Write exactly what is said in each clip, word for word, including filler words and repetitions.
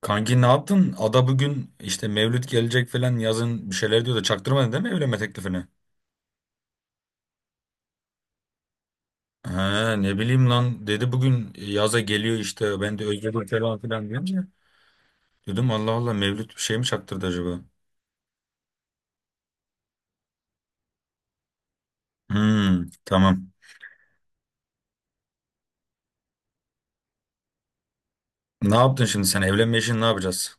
Kanki ne yaptın? Ada bugün işte Mevlüt gelecek falan yazın bir şeyler diyor da çaktırmadın değil mi evlenme teklifini? Ha, ne bileyim lan dedi bugün yaza geliyor işte ben de özledim falan filan diyorum. Dedim Allah Allah Mevlüt bir şey mi çaktırdı acaba? Hmm, tamam. Ne yaptın şimdi sen evlenme işini ne yapacağız?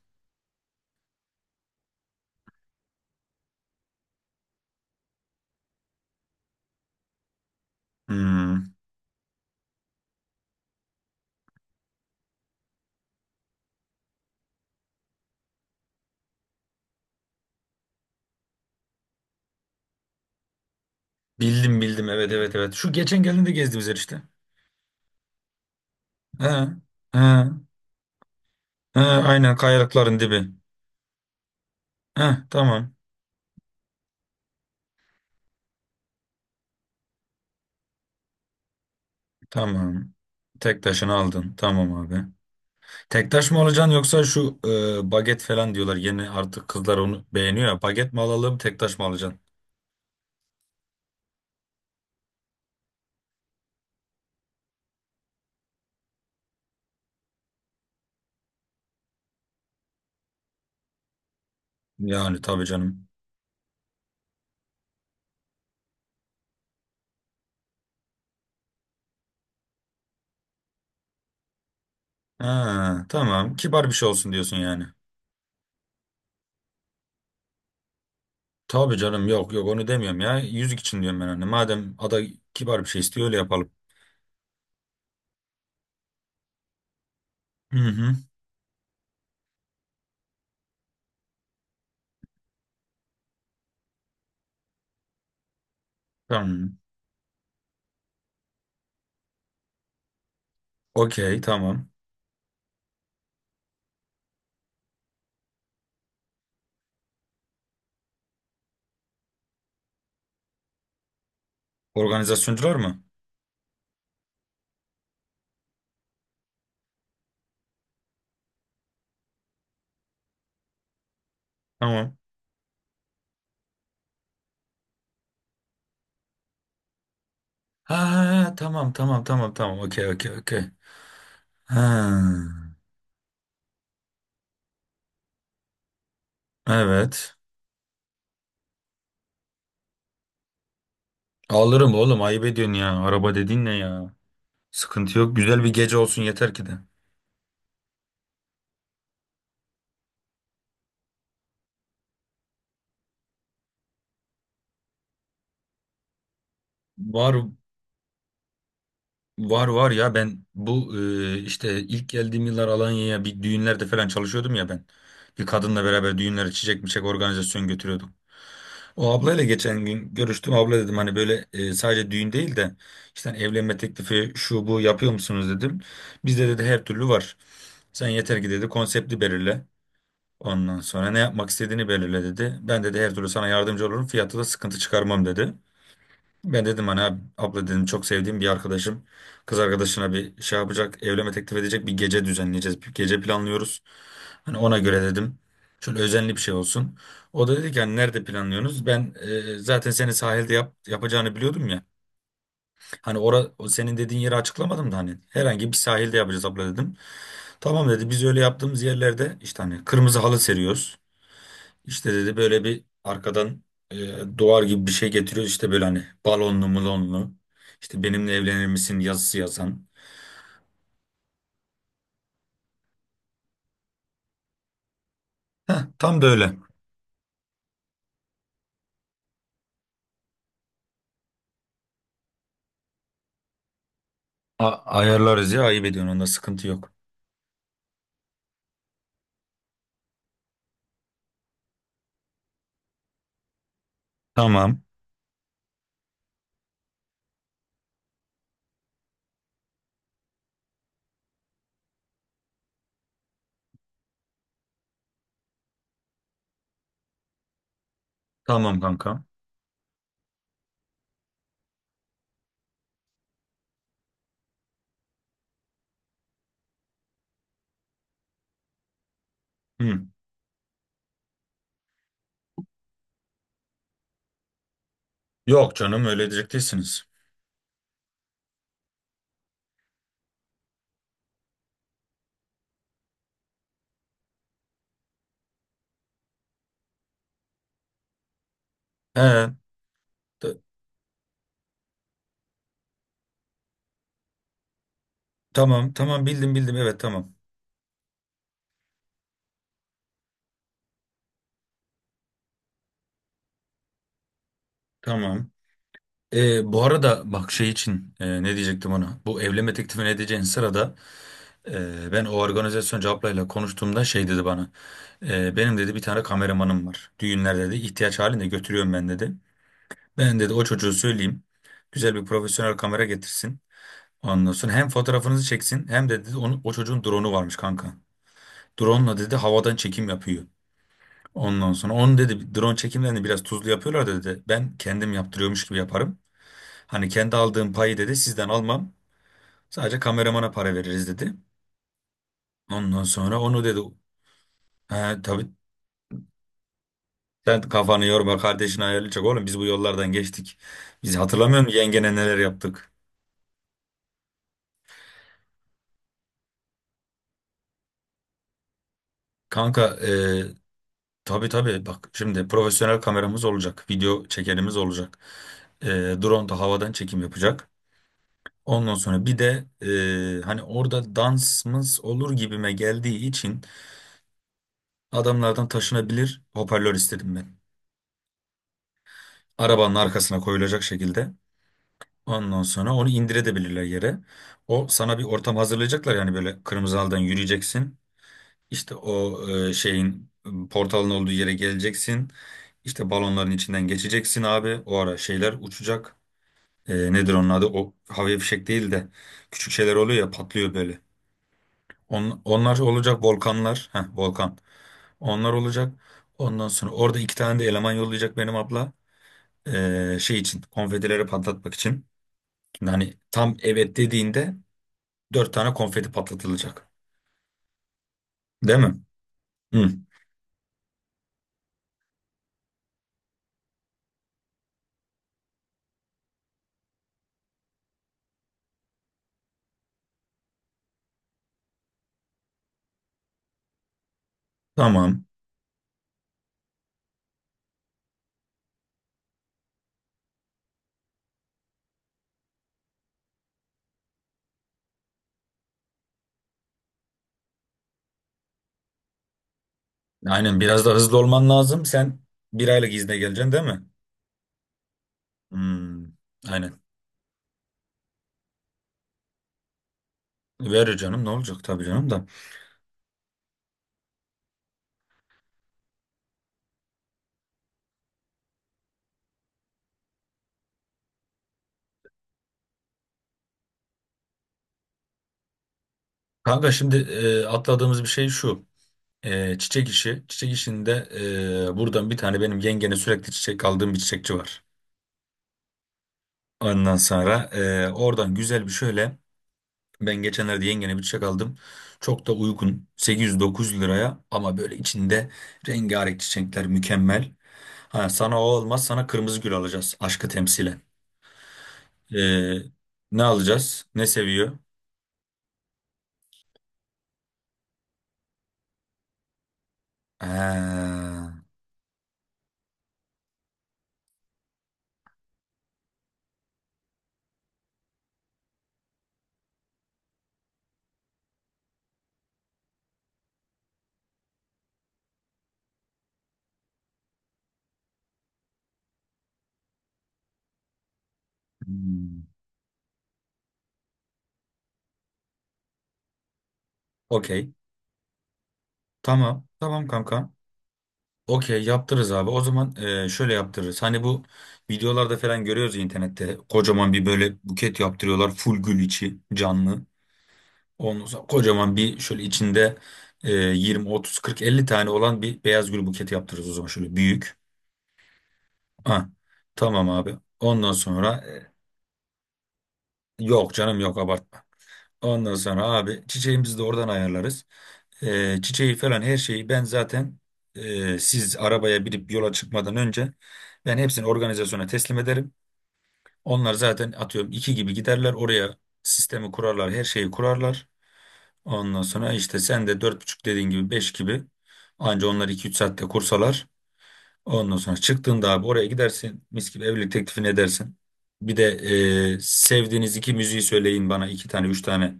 Hmm, bildim bildim, evet evet evet. Şu geçen geldiğinde gezdiğimiz yer işte. Ha, ha, ha, aynen, kayalıkların dibi. Ha, tamam tamam. Tek taşını aldın, tamam abi. Tek taş mı alacaksın yoksa şu e, baget falan diyorlar. Yeni artık kızlar onu beğeniyor ya. Baget mi alalım, tek taş mı alacaksın? Yani tabii canım. Ha, tamam. Kibar bir şey olsun diyorsun yani. Tabii canım, yok yok, onu demiyorum ya. Yüzük için diyorum ben hani. Madem ada kibar bir şey istiyor öyle yapalım. Hı hı. Tamam. Okey, tamam. Organizasyoncular mı? Tamam. Ha ha, ha, tamam tamam tamam tamam. Okey okey okey. Ha. Evet. Alırım oğlum, ayıp ediyorsun ya. Araba dediğin ne ya? Sıkıntı yok. Güzel bir gece olsun yeter ki de. Var var var ya, ben bu e, işte ilk geldiğim yıllar Alanya'ya bir düğünlerde falan çalışıyordum ya ben. Bir kadınla beraber düğünlere çiçek miçek organizasyon götürüyorduk. O ablayla geçen gün görüştüm. Abla dedim hani böyle e, sadece düğün değil de işte hani evlenme teklifi şu bu yapıyor musunuz dedim. Bizde dedi her türlü var. Sen yeter ki dedi konsepti belirle. Ondan sonra ne yapmak istediğini belirle dedi. Ben dedi her türlü sana yardımcı olurum. Fiyatı da sıkıntı çıkarmam dedi. Ben dedim hani "Ab- abla dedim, çok sevdiğim bir arkadaşım kız arkadaşına bir şey yapacak, evlenme teklif edecek, bir gece düzenleyeceğiz, bir gece planlıyoruz. Hani ona göre dedim, şöyle özenli bir şey olsun. O da dedi ki hani nerede planlıyorsunuz? Ben e, zaten seni sahilde yap, yapacağını biliyordum ya. Hani ora, o senin dediğin yeri açıklamadım da hani herhangi bir sahilde yapacağız abla dedim. Tamam dedi, biz öyle yaptığımız yerlerde işte hani kırmızı halı seriyoruz. İşte dedi böyle bir arkadan e, duvar gibi bir şey getiriyor işte böyle hani balonlu mulonlu, işte benimle evlenir misin yazısı yazan. Tam böyle. A- ayarlarız ya, ayıp ediyorsun, onda sıkıntı yok. Tamam tamam kanka. Hı. Yok canım, öyle diyecek değilsiniz. He, t- tamam tamam, bildim bildim, evet tamam tamam. E, bu arada bak, şey için e, ne diyecektim ona, bu evlenme teklifi ne diyeceğin sırada. Ee, ben o organizasyon ablayla konuştuğumda şey dedi bana. "Ee, benim dedi bir tane kameramanım var. Düğünler dedi ihtiyaç halinde götürüyorum ben dedi. Ben dedi o çocuğu söyleyeyim. Güzel bir profesyonel kamera getirsin. Ondan sonra hem fotoğrafınızı çeksin hem de dedi onun, o çocuğun drone'u varmış kanka. Drone'la dedi havadan çekim yapıyor. Ondan sonra onu dedi, drone çekimlerini biraz tuzlu yapıyorlar dedi. Ben kendim yaptırıyormuş gibi yaparım. Hani kendi aldığım payı dedi sizden almam. Sadece kameramana para veririz dedi. Ondan sonra onu dedi. He, tabii. Sen kafanı yorma, kardeşin ayarlayacak oğlum, biz bu yollardan geçtik. Biz, hatırlamıyor musun yengene neler yaptık? Kanka e, tabii tabii, bak şimdi profesyonel kameramız olacak. Video çekerimiz olacak. E, drone da havadan çekim yapacak. Ondan sonra bir de e, hani orada dansımız olur gibime geldiği için adamlardan taşınabilir hoparlör istedim ben. Arabanın arkasına koyulacak şekilde. Ondan sonra onu indirebilirler yere. O sana bir ortam hazırlayacaklar yani, böyle kırmızı halıdan yürüyeceksin. İşte o e, şeyin e, portalın olduğu yere geleceksin. İşte balonların içinden geçeceksin abi. O ara şeyler uçacak. E, nedir onun adı? O havai fişek değil de küçük şeyler oluyor ya, patlıyor böyle. On, onlar olacak, volkanlar. Heh, volkan. Onlar olacak. Ondan sonra orada iki tane de eleman yollayacak benim abla. E, şey için, konfetileri patlatmak için. Şimdi hani tam evet dediğinde dört tane konfeti patlatılacak. Değil mi? Hı, tamam. Aynen, biraz da hızlı olman lazım. Sen bir aylık izne geleceksin değil mi? Hmm, aynen. Verir canım, ne olacak tabii canım da. Kanka şimdi e, atladığımız bir şey şu. E, çiçek işi. Çiçek işinde e, buradan bir tane, benim yengene sürekli çiçek aldığım bir çiçekçi var. Ondan sonra e, oradan güzel bir şöyle. Ben geçenlerde yengene bir çiçek aldım. Çok da uygun, sekiz yüz dokuz yüz liraya, ama böyle içinde rengarenk çiçekler, mükemmel. Ha, sana o olmaz, sana kırmızı gül alacağız, aşkı temsilen. Ee, ne alacağız? Ne seviyor? Ha, hmm, okey. Tamam. Tamam kanka. Okey, yaptırırız abi. O zaman e, şöyle yaptırırız. Hani bu videolarda falan görüyoruz ya internette. Kocaman bir böyle buket yaptırıyorlar, full gül, içi canlı. Ondan sonra kocaman bir şöyle içinde e, yirmi, otuz, kırk, elli tane olan bir beyaz gül buketi yaptırırız o zaman. Şöyle büyük. Ha, tamam abi. Ondan sonra e, yok canım, yok abartma. Ondan sonra abi çiçeğimizi de oradan ayarlarız. Ee, çiçeği falan her şeyi ben zaten e, siz arabaya binip yola çıkmadan önce ben hepsini organizasyona teslim ederim. Onlar zaten atıyorum iki gibi giderler oraya, sistemi kurarlar, her şeyi kurarlar. Ondan sonra işte sen de dört buçuk dediğin gibi beş gibi, anca onlar iki üç saatte kursalar. Ondan sonra çıktığında abi oraya gidersin, mis gibi evlilik teklifini edersin. Bir de e, sevdiğiniz iki müziği söyleyin bana, iki tane üç tane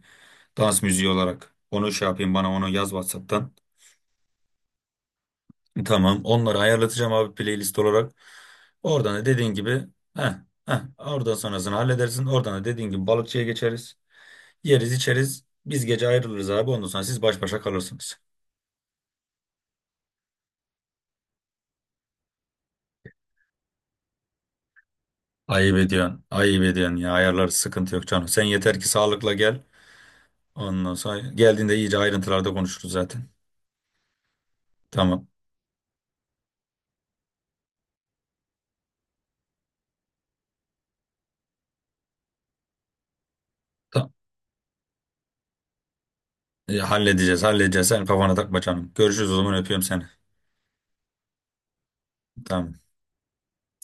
dans müziği olarak onu şey yapayım, bana onu yaz WhatsApp'tan. Tamam. Onları ayarlatacağım abi, playlist olarak. Oradan da dediğin gibi heh, heh, oradan sonrasını halledersin. Oradan da dediğin gibi balıkçıya geçeriz. Yeriz içeriz. Biz gece ayrılırız abi. Ondan sonra siz baş başa kalırsınız. Ayıp ediyorsun. Ayıp ediyorsun ya. Ayarlar, sıkıntı yok canım. Sen yeter ki sağlıkla gel. Ondan sonra geldiğinde iyice ayrıntılarda konuşuruz zaten. Tamam. Tamam. E, halledeceğiz halledeceğiz. Sen kafana takma canım. Görüşürüz o zaman, öpüyorum seni. Tamam.